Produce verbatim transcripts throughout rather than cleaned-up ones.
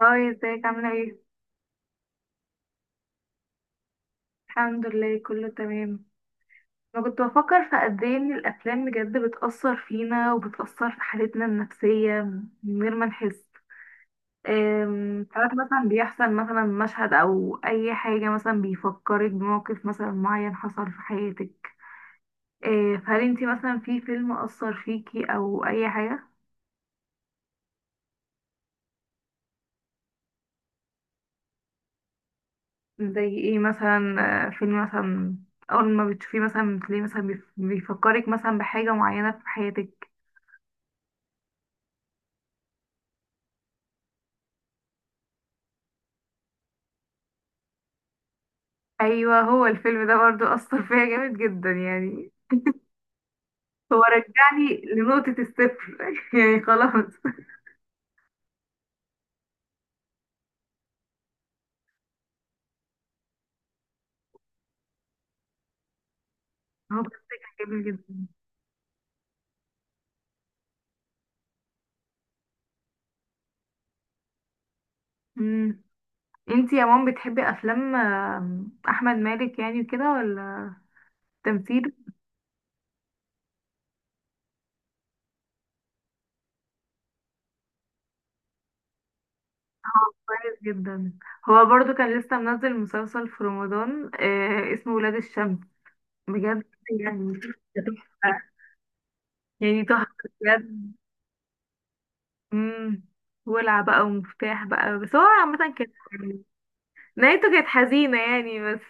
هاي ازيك عاملة ايه؟ الحمد لله كله تمام. انا كنت بفكر في قد ايه ان الافلام بجد بتأثر فينا وبتأثر في حالتنا النفسية من غير ما نحس. أم، ساعات مثلا بيحصل مثلا مشهد او اي حاجة مثلا بيفكرك بموقف مثلا معين حصل في حياتك. أه، فهل انتي مثلا في فيلم أثر فيكي او اي حاجة؟ زي ايه مثلا؟ أه، فيلم مثلا، اول ما بتشوفيه مثلا بتلاقيه مثلا بيف- بيفكرك مثلا بحاجة معينة في حياتك. ايوه، هو الفيلم ده برضو اثر فيا جامد جدا يعني. هو رجعني لنقطة الصفر يعني خلاص. هو بجد كان جميل جدا. امم. انتي يا مام بتحبي افلام آم، احمد مالك يعني وكده ولا؟ تمثيله كويس جدا. هو برضو كان لسه منزل مسلسل في رمضان آه اسمه ولاد الشمس. بجد يعني ده تحفة، يعني تحفة بجد. امم. ولع بقى ومفتاح بقى بس هو عامة كده. نهايته كانت حزينة يعني، بس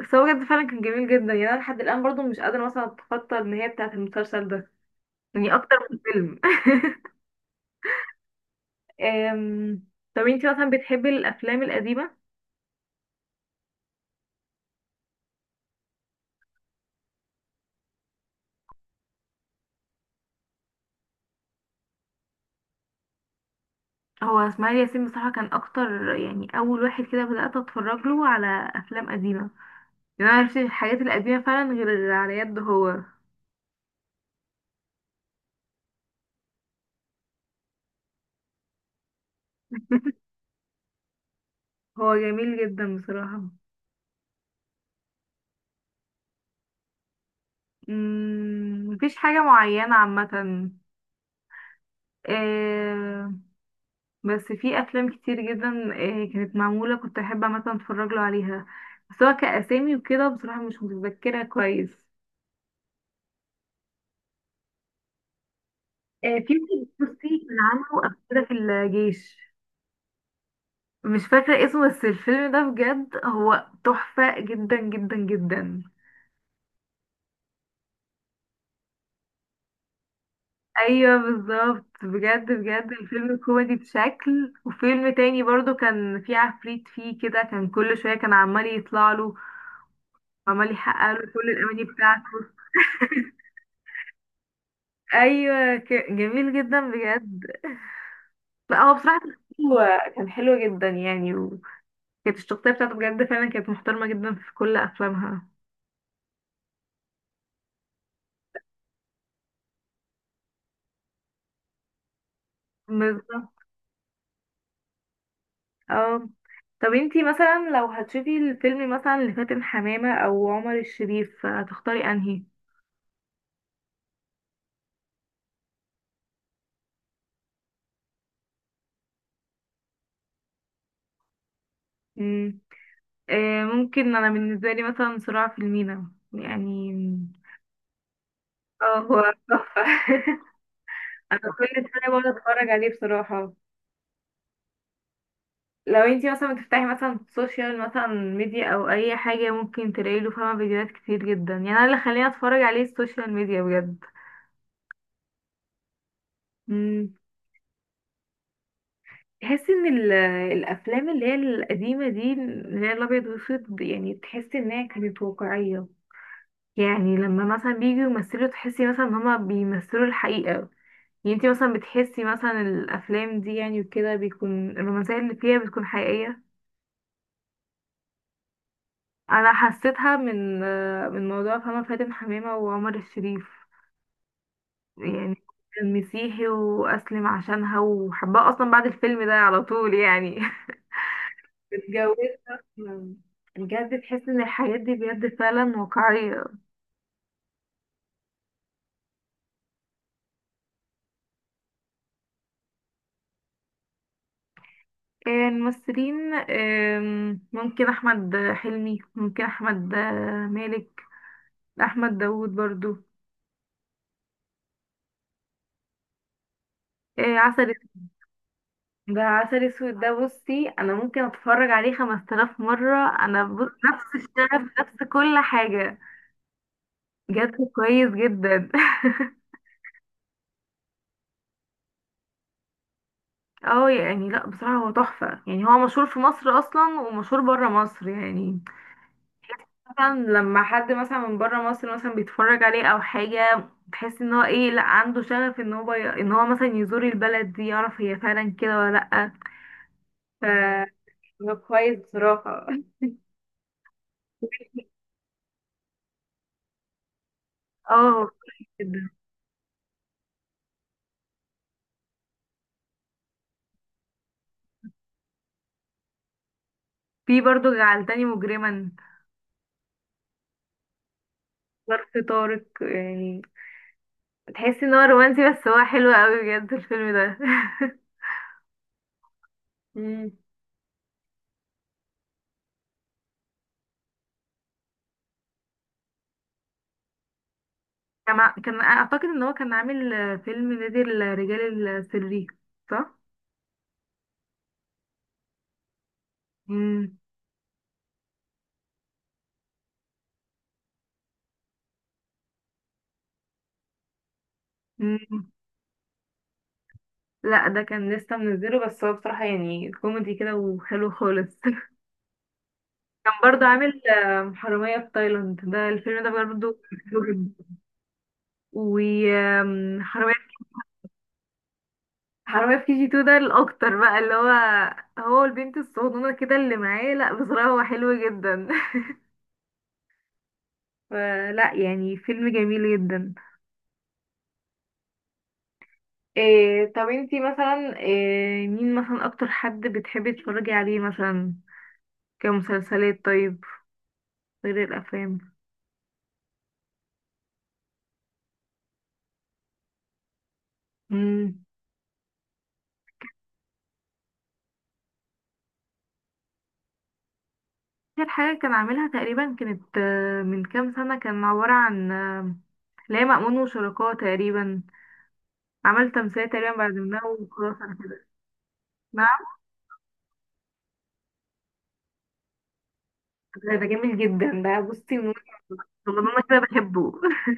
بس هو بجد فعلا كان جميل جدا يعني. أنا لحد الآن برضو مش قادرة مثلا أتخطى النهاية بتاعة المسلسل ده، يعني أكتر من فيلم. أم، طب انتي مثلا بتحبي الأفلام القديمة؟ هو إسماعيل ياسين بصراحة كان أكتر يعني، أول واحد كده بدأت أتفرج له على أفلام قديمة. يعني أنا معرفش الحاجات القديمة فعلا غير على يده هو. هو جميل جدا بصراحة. مم، مفيش حاجة معينة، عامة. بس في افلام كتير جدا آه، كانت معموله كنت احب مثلا اتفرج له عليها. بس هو كاسامي وكده بصراحه مش متذكره كويس. آه، في. بصي كان عامله قبل كده في الجيش. مش فاكره اسمه، بس الفيلم ده بجد هو تحفه جدا جدا جدا. ايوه بالظبط، بجد بجد الفيلم كوميدي بشكل. وفيلم تاني برضو كان فيه عفريت فيه كده، كان كل شويه كان عمال يطلع له، عمال يحقق له كل الاماني بتاعته. ايوه ك- جميل جدا بجد. لا هو بصراحه كان حلو، كان حلو جدا يعني. وكانت الشخصيه بتاعته بجد فعلا كانت محترمه جدا في كل افلامها. بالظبط. اه طب انتي مثلا لو هتشوفي الفيلم مثلا لفاتن حمامه او عمر الشريف هتختاري انهي؟ مم. آه ممكن انا بالنسبه لي مثلا صراع في المينا يعني. اه هو تحفه. انا كل سنه بقعد اتفرج عليه بصراحه. لو انتي مثلا بتفتحي مثلا سوشيال مثلا ميديا او اي حاجه ممكن تلاقي له فاهمه فيديوهات كتير جدا. يعني انا اللي خليني اتفرج عليه السوشيال ميديا بجد. امم. تحسي ان ال- الافلام اللي هي القديمه دي، اللي هي الابيض والاسود، يعني تحسي ان هي كانت واقعيه. يعني لما مثلا بييجوا يمثلوا تحسي مثلا ان هما بيمثلوا الحقيقه. يعني انتي مثلا بتحسي مثلا الافلام دي يعني وكده بيكون الرومانسيه اللي فيها بتكون حقيقيه. انا حسيتها من آه، من موضوع فما فاتن حمامه وعمر الشريف يعني، المسيحي واسلم عشانها وحبها اصلا بعد الفيلم ده على طول يعني. اتجوزها أصلاً. بجد تحس ان الحاجات دي بجد فعلا واقعية. الممثلين، آم، ممكن احمد حلمي، ممكن احمد مالك، احمد داوود برضو. آه، عسل أسود. ده عسل اسود ده، بصي انا ممكن اتفرج عليه خمس تلاف مرة. انا بص، نفس الشغف، نفس كل حاجة. بجد كويس جدا. اه يعني، لا بصراحة هو تحفة يعني. هو مشهور في مصر اصلا ومشهور برا مصر يعني. مثلا لما حد مثلا من برا مصر مثلا بيتفرج عليه او حاجة، تحس ان هو ايه، لا عنده شغف ان هو ي... ان هو مثلا يزور البلد دي، يعرف هي فعلا كده ولا لا. ف، هو كويس بصراحة. اه هو كويس جدا. في برضه جعلتني مجرما. ظرف طارق يعني، تحس ان هو رومانسي بس هو حلو قوي بجد الفيلم ده. مم. كان ع- كان اعتقد ان هو كان عامل آه، فيلم نادي الرجال السري، صح. مم. مم. لا ده كان لسه منزله، بس هو بصراحة يعني كوميدي كده وحلو خالص. كان برضو عامل آه، حرامية في تايلاند، ده الفيلم ده برضو كان حلو جدا. وحرامية حرامية حرامية في كي جي تو، ده الأكتر بقى اللي هو، هو البنت الصغنونة كده اللي معاه. لا بصراحة هو حلو جدا. فلا يعني فيلم جميل جدا. إيه، طب انتي مثلا إيه، مين مثلا اكتر حد بتحبي تتفرجي عليه مثلا كمسلسلات طيب، غير الافلام؟ امم. اخر حاجه كان عاملها تقريبا كانت آه، من كام سنه، كان عباره عن آه، لا، مأمون وشركاه تقريبا. عمل تمثيلية تقريبا بعد ما وخلاص. نعم. ده ده جميل جدا ده، بصي من وجهة- والله انا كده بحبه.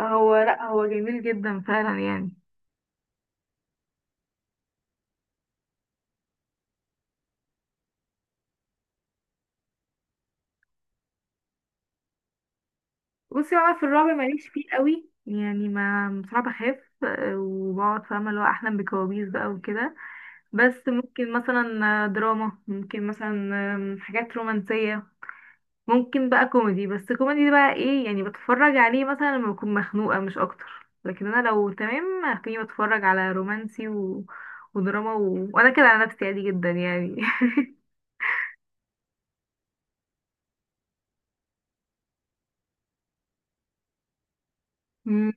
هو لا هو جميل جدا فعلا يعني. بصي بقى في الرعب ماليش فيه قوي يعني، ما صعب اخاف، آه، وبقعد فاهمه اللي هو احلم بكوابيس بقى وكده. بس ممكن مثلا آه، دراما ممكن مثلا، آم، حاجات رومانسيه. ممكن بقى كوميدي، بس كوميدي بقى ايه يعني، بتفرج عليه مثلا لما بكون مخنوقه مش اكتر. لكن انا لو تمام هتلاقيني بتفرج على رومانسي و... ودراما و... وانا كده على نفسي عادي جدا يعني. مم.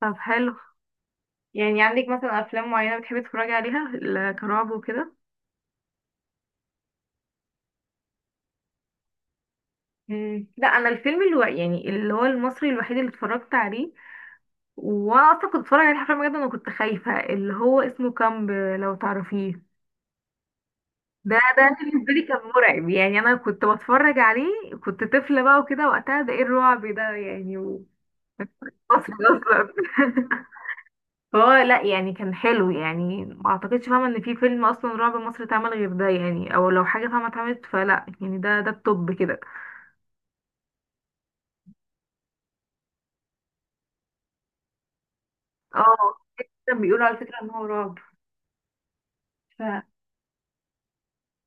طب حلو، يعني عندك مثلا افلام معينه بتحبي تتفرجي عليها ل- كرعب وكده؟ مم. لا انا الفيلم اللي هو يعني اللي هو المصري الوحيد اللي اتفرجت عليه، واصلا كنت اتفرج عليه حرفيا، بجد انا كنت خايفه، اللي هو اسمه كامب، لو تعرفيه. ده ده بالنسبه لي كان مرعب يعني. انا كنت بتفرج عليه كنت طفله بقى وكده وقتها، ده ايه الرعب ده يعني، مصري اصلا! فهو لا يعني كان حلو يعني. ما اعتقدش فاهمه ان في فيلم اصلا رعب مصري اتعمل غير ده يعني، او لو حاجه فاهمه اتعملت فلا يعني ده ده التوب كده. اه كان بيقولوا على فكره ان هو رعب. ف،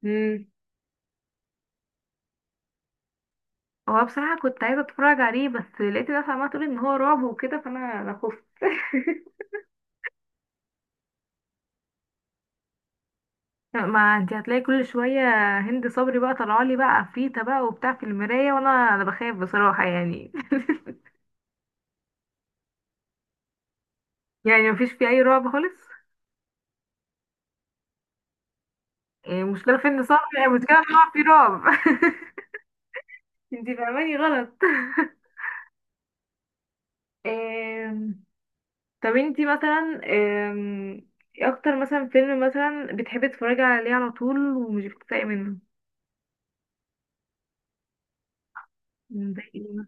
مم. هو بصراحة كنت عايزة اتفرج عليه، بس لقيت ناس عمالة تقول ان هو رعب وكده، فانا انا خفت. ما انت هتلاقي كل شوية هند صبري بقى طلعالي بقى عفريتة بقى وبتاع في المراية، وانا انا بخاف بصراحة يعني. يعني مفيش فيه اي رعب خالص. إيه، المشكلة في ان صبري يعني، المشكلة ان هو في رعب. انت فاهماني غلط. آم، طب انتي مثلا آم، ايه اكتر مثلا فيلم مثلا بتحبي تتفرجي عليه على طول ومش بتتضايقي منه؟ مم، زي ايه؟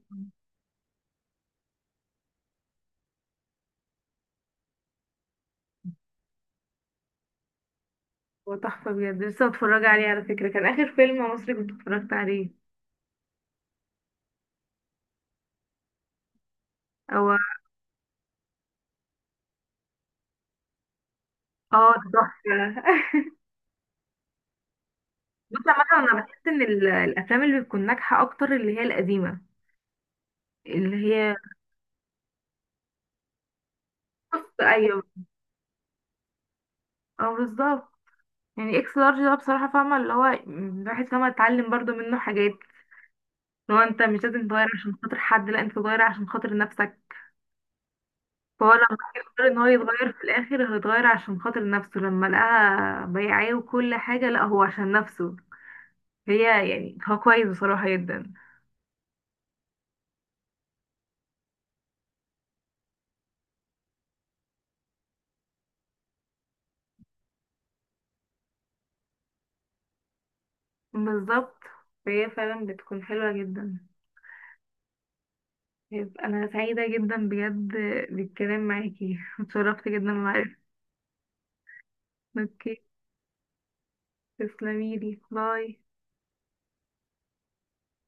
هو تحفة بجد، لسه متفرجة عليه على فكرة، كان آخر فيلم مصري كنت اتفرجت عليه. هو، اه ده تحفة. بص عامة أنا بحس إن ال- الأفلام اللي بتكون ناجحة أكتر اللي هي القديمة، اللي هي، بص أيوه، اه بالظبط. يعني إكس لارج ده بصراحة فاهمة اللي هو الواحد فاهمة اتعلم برضو منه حاجات، اللي هو أنت مش لازم تغير عشان خاطر حد، لأ أنت تغير عشان خاطر نفسك. فهو لما يقرر إن هو يتغير في الآخر هيتغير عشان خاطر نفسه، لما لقاها بياعاه وكل حاجة، لأ هو عشان نفسه. هي يعني هو كويس بصراحة جدا. بالظبط، فهي فعلا بتكون حلوة جدا. طيب، أنا سعيدة جدا بجد بالكلام معاكي، اتشرفت جدا بمعرفتك. اوكي تسلميلي، باي.